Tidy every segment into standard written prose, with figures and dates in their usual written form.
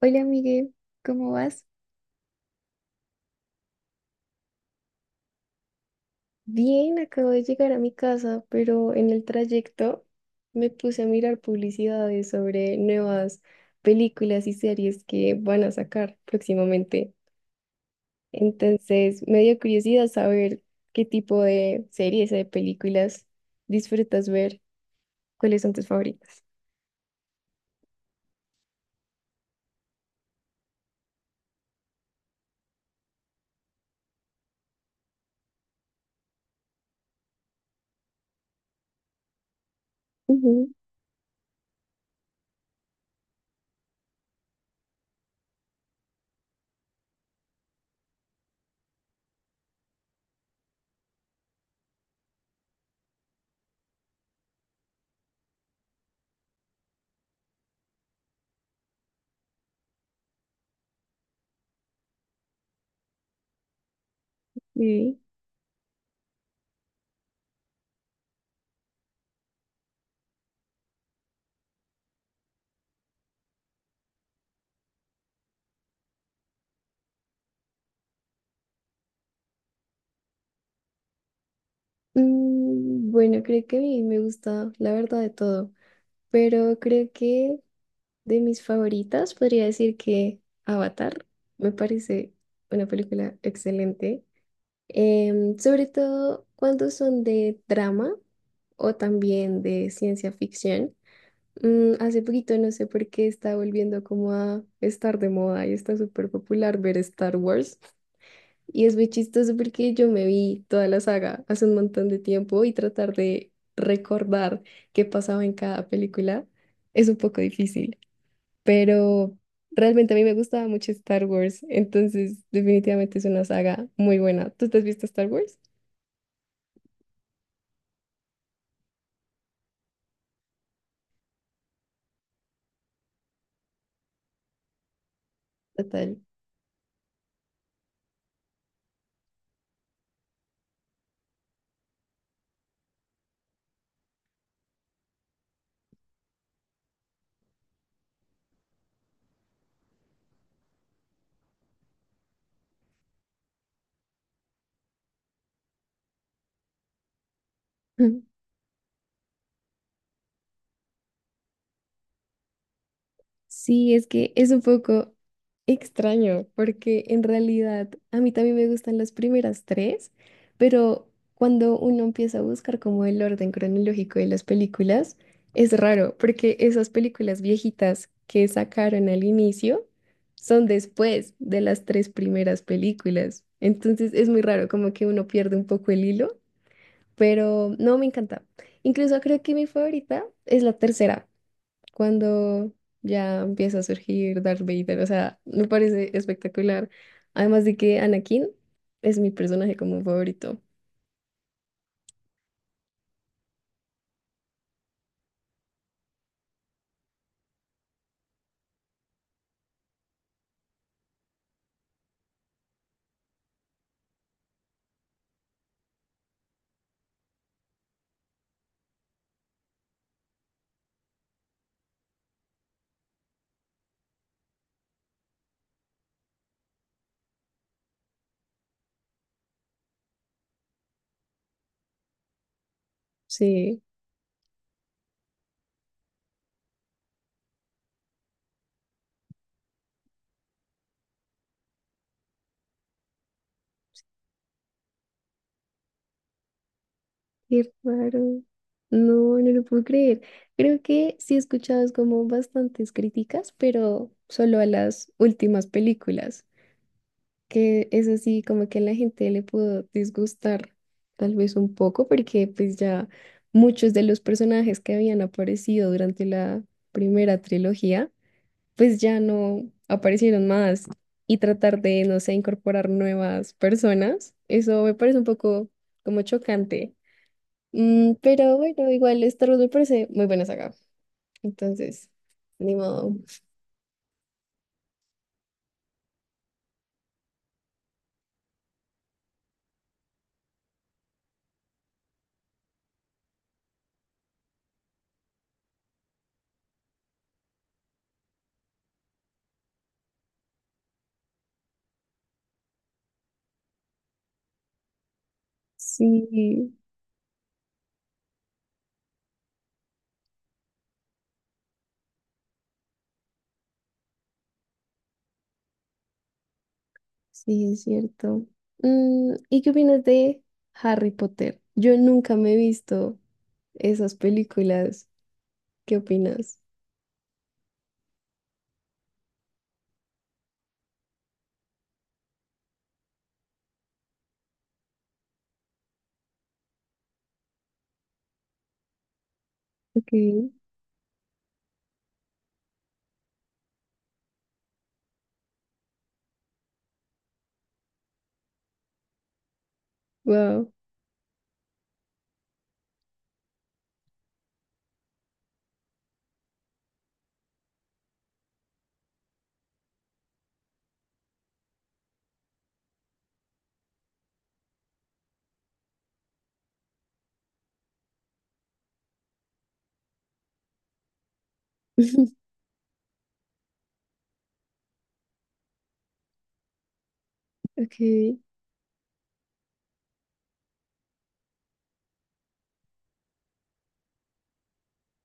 Hola, Miguel, ¿cómo vas? Bien, acabo de llegar a mi casa, pero en el trayecto me puse a mirar publicidades sobre nuevas películas y series que van a sacar próximamente. Entonces, me dio curiosidad saber qué tipo de series o de películas disfrutas ver, cuáles son tus favoritas. Ujú, sí. Mm, bueno, creo que a mí me gusta la verdad de todo, pero creo que de mis favoritas, podría decir que Avatar me parece una película excelente, sobre todo cuando son de drama o también de ciencia ficción. Mm, hace poquito no sé por qué está volviendo como a estar de moda y está súper popular ver Star Wars. Y es muy chistoso porque yo me vi toda la saga hace un montón de tiempo y tratar de recordar qué pasaba en cada película es un poco difícil, pero realmente a mí me gustaba mucho Star Wars, entonces definitivamente es una saga muy buena. ¿Tú te has visto Star Wars? Total. Sí, es que es un poco extraño porque en realidad a mí también me gustan las primeras tres, pero cuando uno empieza a buscar como el orden cronológico de las películas, es raro porque esas películas viejitas que sacaron al inicio son después de las tres primeras películas. Entonces es muy raro, como que uno pierde un poco el hilo, pero no, me encanta. Incluso creo que mi favorita es la tercera cuando ya empieza a surgir Darth Vader. O sea, me parece espectacular. Además de que Anakin es mi personaje como favorito. Sí, qué raro. No, no lo puedo creer. Creo que sí he escuchado es como bastantes críticas, pero solo a las últimas películas, que es así como que a la gente le pudo disgustar tal vez un poco, porque pues ya muchos de los personajes que habían aparecido durante la primera trilogía pues ya no aparecieron más y tratar de, no sé, incorporar nuevas personas, eso me parece un poco como chocante. Mm, pero bueno, igual Star Wars me parece muy buena saga. Entonces, ni modo. Sí, sí, es cierto. Mm, ¿y qué opinas de Harry Potter? Yo nunca me he visto esas películas. ¿Qué opinas? Ok, wow. Ok.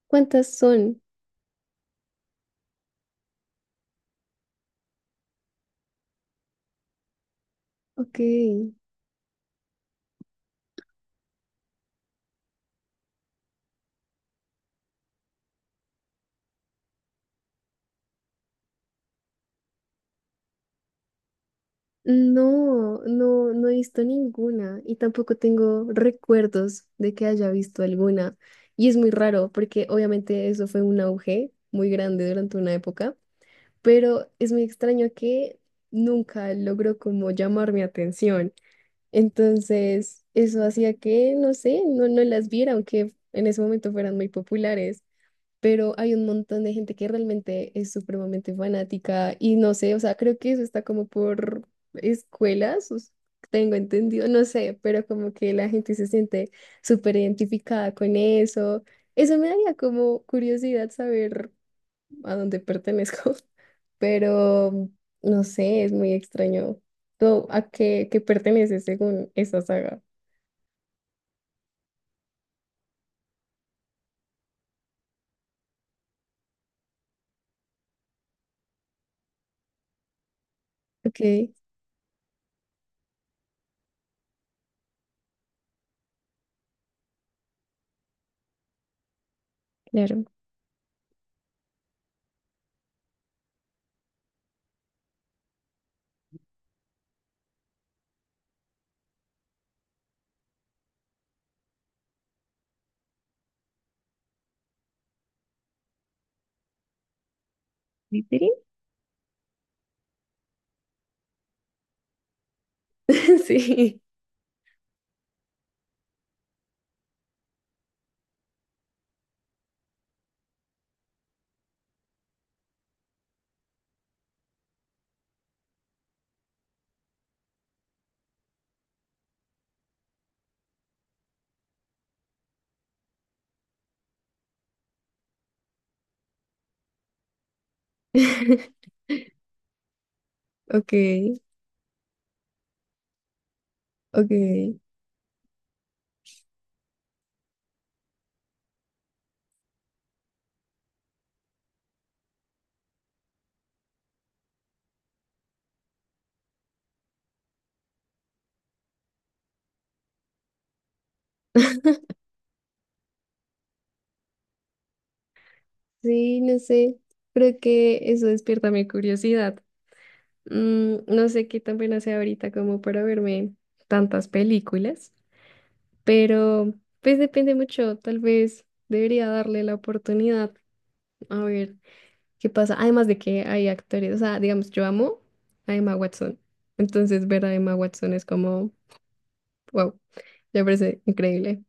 ¿Cuántas son? Ok. No, no no he visto ninguna y tampoco tengo recuerdos de que haya visto alguna. Y es muy raro porque obviamente eso fue un auge muy grande durante una época, pero es muy extraño que nunca logró como llamar mi atención. Entonces, eso hacía que, no sé, no las viera, aunque en ese momento fueran muy populares, pero hay un montón de gente que realmente es supremamente fanática y no sé, o sea, creo que eso está como por escuelas, tengo entendido, no sé, pero como que la gente se siente súper identificada con eso. Eso me daría como curiosidad saber a dónde pertenezco, pero no sé, es muy extraño. ¿Tú a qué perteneces según esa saga? Ok, claro. ¿Slytherin? Sí. Ok. Ok, sí, no sé, creo que eso despierta mi curiosidad. Mm, no sé qué tan buena sea ahorita como para verme tantas películas, pero pues depende mucho, tal vez debería darle la oportunidad a ver qué pasa. Además de que hay actores, o sea, digamos, yo amo a Emma Watson, entonces ver a Emma Watson es como, wow, me parece increíble.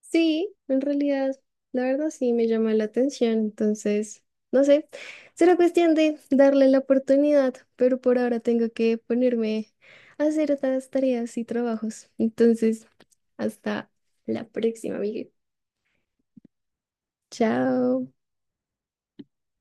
Sí, en realidad, la verdad sí me llama la atención, entonces, no sé, será cuestión de darle la oportunidad, pero por ahora tengo que ponerme a hacer otras tareas y trabajos. Entonces, hasta la próxima, amiga. Chao.